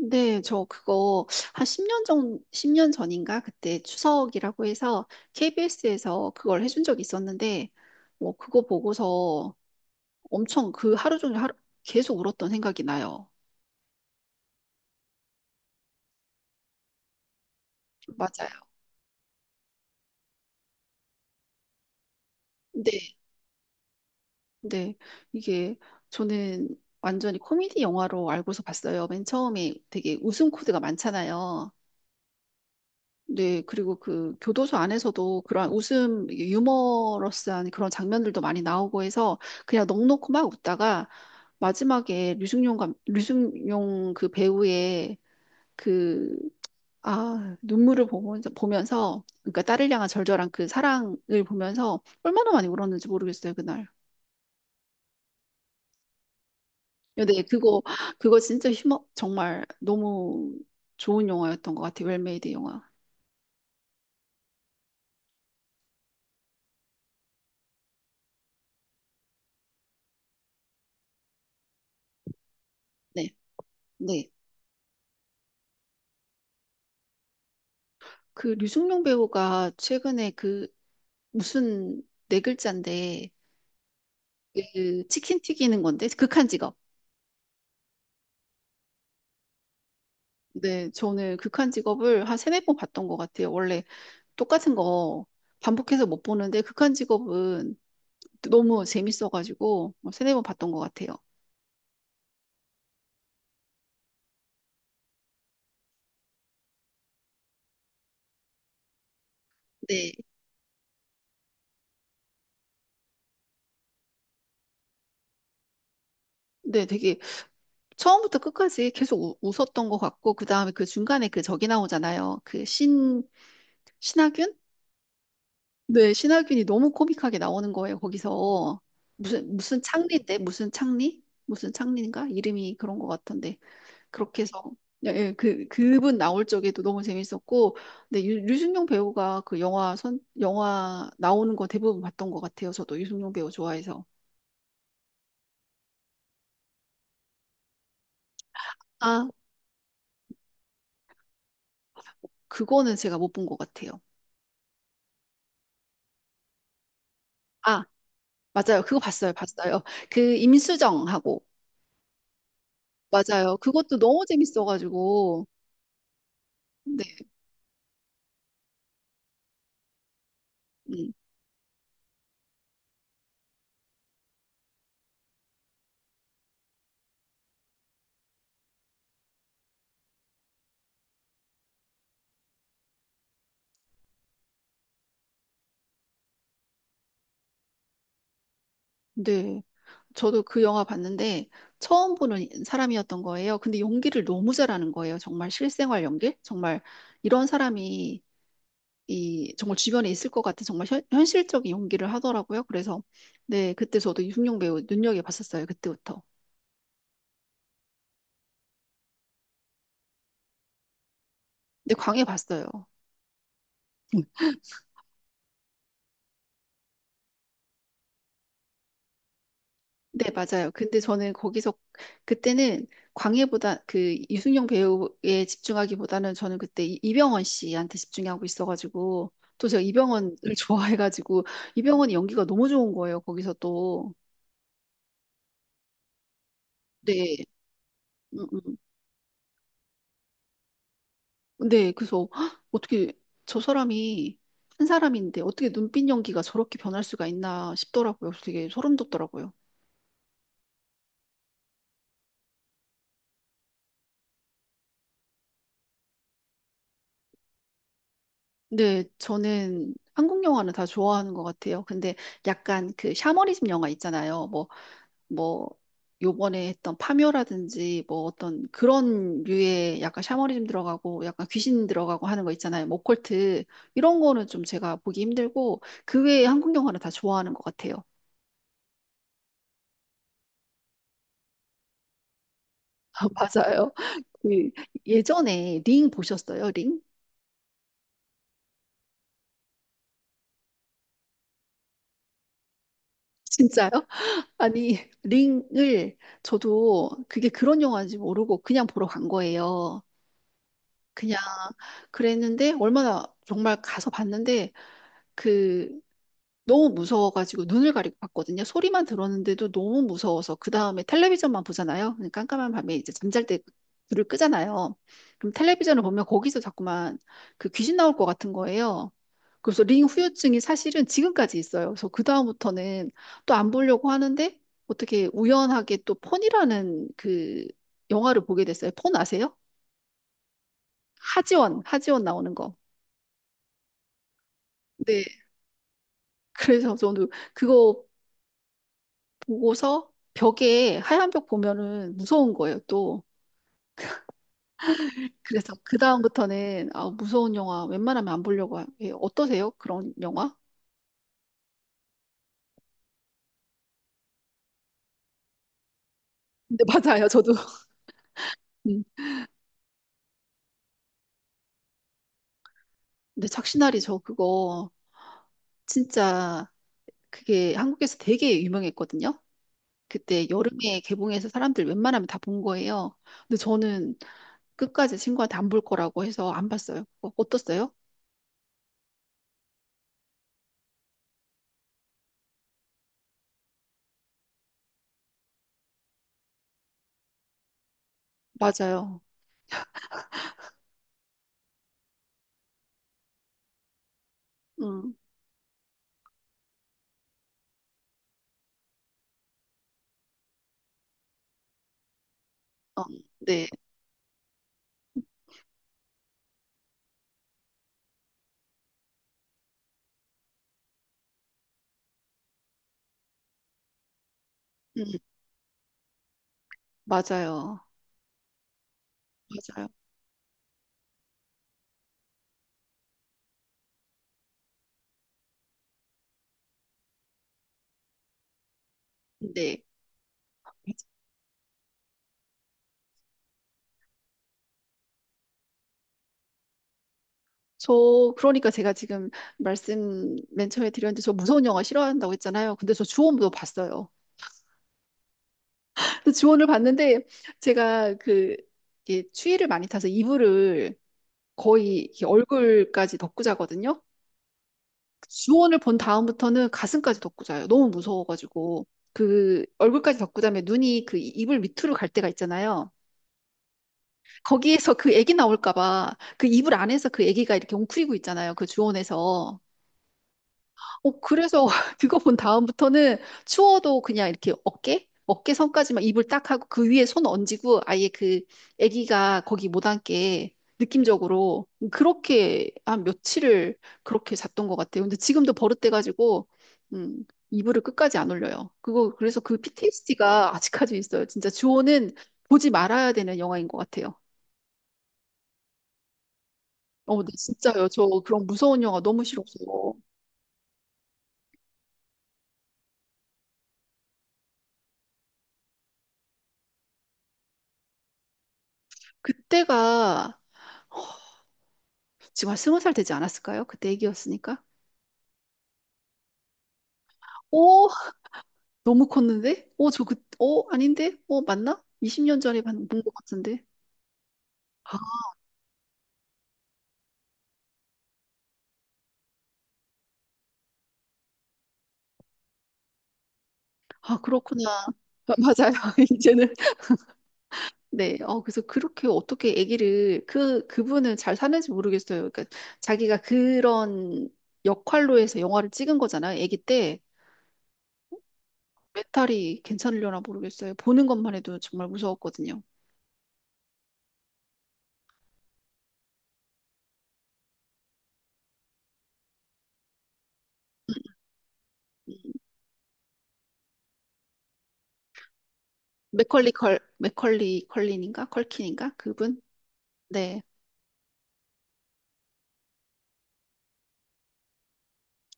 네, 저 그거 한 10년 전, 십 년 전인가? 그때 추석이라고 해서 KBS에서 그걸 해준 적이 있었는데, 그거 보고서 엄청 그 하루 종일 하루, 계속 울었던 생각이 나요. 맞아요. 네, 네. 이게 저는 완전히 코미디 영화로 알고서 봤어요. 맨 처음에 되게 웃음 코드가 많잖아요. 네, 그리고 그 교도소 안에서도 그러한 웃음, 유머러스한 그런 장면들도 많이 나오고 해서 그냥 넋놓고 막 웃다가 마지막에 류승용 그 배우의 그, 아, 눈물을 보면서, 그러니까 딸을 향한 절절한 그 사랑을 보면서 얼마나 많이 울었는지 모르겠어요, 그날. 네 그거, 그거 정말 너무 좋은 영화였던 것 같아요, 웰메이드 영화. 네, 네. 그 류승룡 배우가 최근에 그 무슨 네 글자인데 그 치킨 튀기는 건데 극한 직업. 네, 저는 극한 직업을 한 세네 번 봤던 것 같아요. 원래 똑같은 거 반복해서 못 보는데 극한 직업은 너무 재밌어가지고 뭐 세네 번 봤던 것 같아요. 네, 네, 되게 처음부터 끝까지 계속 웃었던 것 같고 그 다음에 그 중간에 그 저기 나오잖아요. 신하균? 네, 신하균이 너무 코믹하게 나오는 거예요, 거기서. 무슨 창리인데? 무슨 창리? 무슨 창리인가? 이름이 그런 것 같던데. 그렇게 해서, 예, 예, 그분 나올 적에도 너무 재밌었고, 근데 류승룡 배우가 그 영화 나오는 거 대부분 봤던 것 같아요, 저도. 유승룡 배우 좋아해서. 아, 그거는 제가 못 본 것 같아요. 아, 맞아요. 그거 봤어요. 그 임수정하고. 맞아요. 그것도 너무 재밌어가지고. 네, 음, 네. 저도 그 영화 봤는데 처음 보는 사람이었던 거예요. 근데 연기를 너무 잘하는 거예요. 정말 실생활 연기? 정말 이런 사람이 이 정말 주변에 있을 것 같은 정말 실적인 연기를 하더라고요. 그래서 네, 그때 저도 이승용 배우 눈여겨 봤었어요. 그때부터. 근데 광해 봤어요. 네, 맞아요. 근데 저는 거기서 그때는 광해보다 그 유승용 배우에 집중하기보다는 저는 그때 이병헌 씨한테 집중하고 있어가지고 또 제가 이병헌을 네. 좋아해가지고 이병헌이 연기가 너무 좋은 거예요. 거기서 또. 네. 음, 음. 네, 그래서 헉, 어떻게 저 사람이 한 사람인데 어떻게 눈빛 연기가 저렇게 변할 수가 있나 싶더라고요. 그래서 되게 소름 돋더라고요. 네, 저는 한국 영화는 다 좋아하는 것 같아요. 근데 약간 그 샤머니즘 영화 있잖아요. 뭐 요번에 했던 파묘라든지 뭐 어떤 그런 류의 약간 샤머니즘 들어가고 약간 귀신 들어가고 하는 거 있잖아요. 뭐 오컬트 이런 거는 좀 제가 보기 힘들고 그 외에 한국 영화는 다 좋아하는 것 같아요. 맞아요. 그 예전에 링 보셨어요? 링? 진짜요? 아니 링을 저도 그게 그런 영화인지 모르고 그냥 보러 간 거예요. 그냥 그랬는데 얼마나 정말 가서 봤는데 그 너무 무서워가지고 눈을 가리고 봤거든요. 소리만 들었는데도 너무 무서워서 그 다음에 텔레비전만 보잖아요. 근데 깜깜한 밤에 이제 잠잘 때 불을 끄잖아요. 그럼 텔레비전을 보면 거기서 자꾸만 그 귀신 나올 것 같은 거예요. 그래서 링 후유증이 사실은 지금까지 있어요. 그래서 그 다음부터는 또 안 보려고 하는데 어떻게 우연하게 또 폰이라는 그 영화를 보게 됐어요. 폰 아세요? 하지원 나오는 거. 네. 그래서 저도 그거 보고서 벽에 하얀 벽 보면은 무서운 거예요, 또. 그래서 그다음부터는 아, 무서운 영화 웬만하면 안 보려고 해요. 예, 어떠세요? 그런 영화? 근데 맞아요, 저도. 음. 근데 착신아리 저 그거 진짜 그게 한국에서 되게 유명했거든요. 그때 여름에 개봉해서 사람들 웬만하면 다 본 거예요. 근데 저는 끝까지 친구한테 안 볼 거라고 해서 안 봤어요. 그거 어떻어요? 맞아요. 음, 어, 네, 음, 맞아요. 맞아요. 네. 저 그러니까 제가 지금 말씀 맨 처음에 드렸는데 저 무서운 영화 싫어한다고 했잖아요. 근데 저 주원도 봤어요. 근데 주원을 봤는데 제가 그 이게 추위를 많이 타서 이불을 거의 이렇게 얼굴까지 덮고 자거든요. 주원을 본 다음부터는 가슴까지 덮고 자요. 너무 무서워가지고 그 얼굴까지 덮고 자면 눈이 그 이불 밑으로 갈 때가 있잖아요. 거기에서 그 애기 나올까 봐 그 이불 안에서 그 애기가 이렇게 웅크리고 있잖아요. 그 주원에서. 어, 그래서 그거 본 다음부터는 추워도 그냥 이렇게 어깨? 어깨 선까지만 이불 딱 하고 그 위에 손 얹이고 아예 그 아기가 거기 못 앉게 느낌적으로 그렇게 한 며칠을 그렇게 잤던 것 같아요. 근데 지금도 버릇돼가지고, 음, 이불을 끝까지 안 올려요. 그거, 그래서 그 PTSD가 아직까지 있어요. 진짜 주호는 보지 말아야 되는 영화인 것 같아요. 어, 나 진짜요. 저 그런 무서운 영화 너무 싫어서. 그때가 지금 한 스무 살 되지 않았을까요? 그때 애기였으니까. 오, 너무 컸는데? 오, 아닌데? 오, 맞나? 20년 전에 본 것 같은데. 아, 아, 그렇구나. 아, 맞아요. 이제는. 네. 어, 그래서 그렇게 어떻게 아기를, 그, 그분은 잘 사는지 모르겠어요. 그러니까 자기가 그런 역할로 해서 영화를 찍은 거잖아요. 아기 때. 멘탈이 괜찮으려나 모르겠어요. 보는 것만 해도 정말 무서웠거든요. 음, 음. 맥컬리 컬린인가? 컬킨인가? 그분? 네.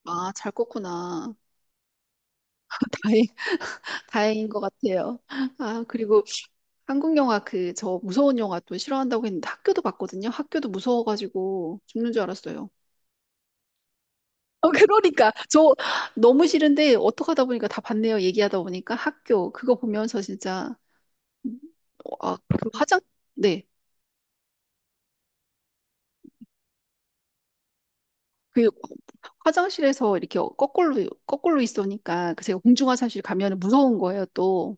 아, 잘 껐구나. 다행, 다행인 것 같아요. 아, 그리고 저 무서운 영화 또 싫어한다고 했는데 학교도 봤거든요. 학교도 무서워가지고 죽는 줄 알았어요. 어, 그러니까. 저 너무 싫은데 어떡하다 보니까 다 봤네요. 얘기하다 보니까 학교, 그거 보면서 진짜, 음, 아, 그 화장, 네. 그 화장실에서 이렇게 거꾸로 있으니까 그 제가 공중화장실 가면 무서운 거예요, 또.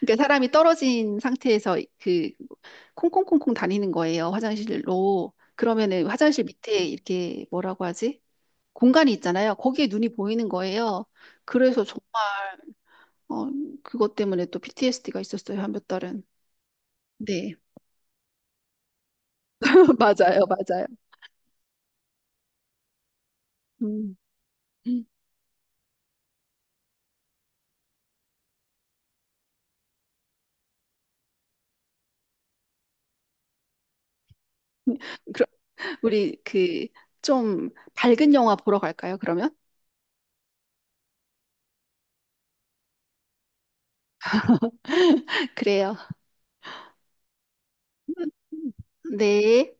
그러니까 사람이 떨어진 상태에서 그 콩콩콩콩 다니는 거예요, 화장실로. 그러면은 화장실 밑에 이렇게 뭐라고 하지? 공간이 있잖아요. 거기에 눈이 보이는 거예요. 그래서 정말 어, 그것 때문에 또 PTSD가 있었어요, 한 몇 달은. 네, 맞아요. 음. 음. 그럼 우리 그 좀 밝은 영화 보러 갈까요, 그러면? 그래요. 네.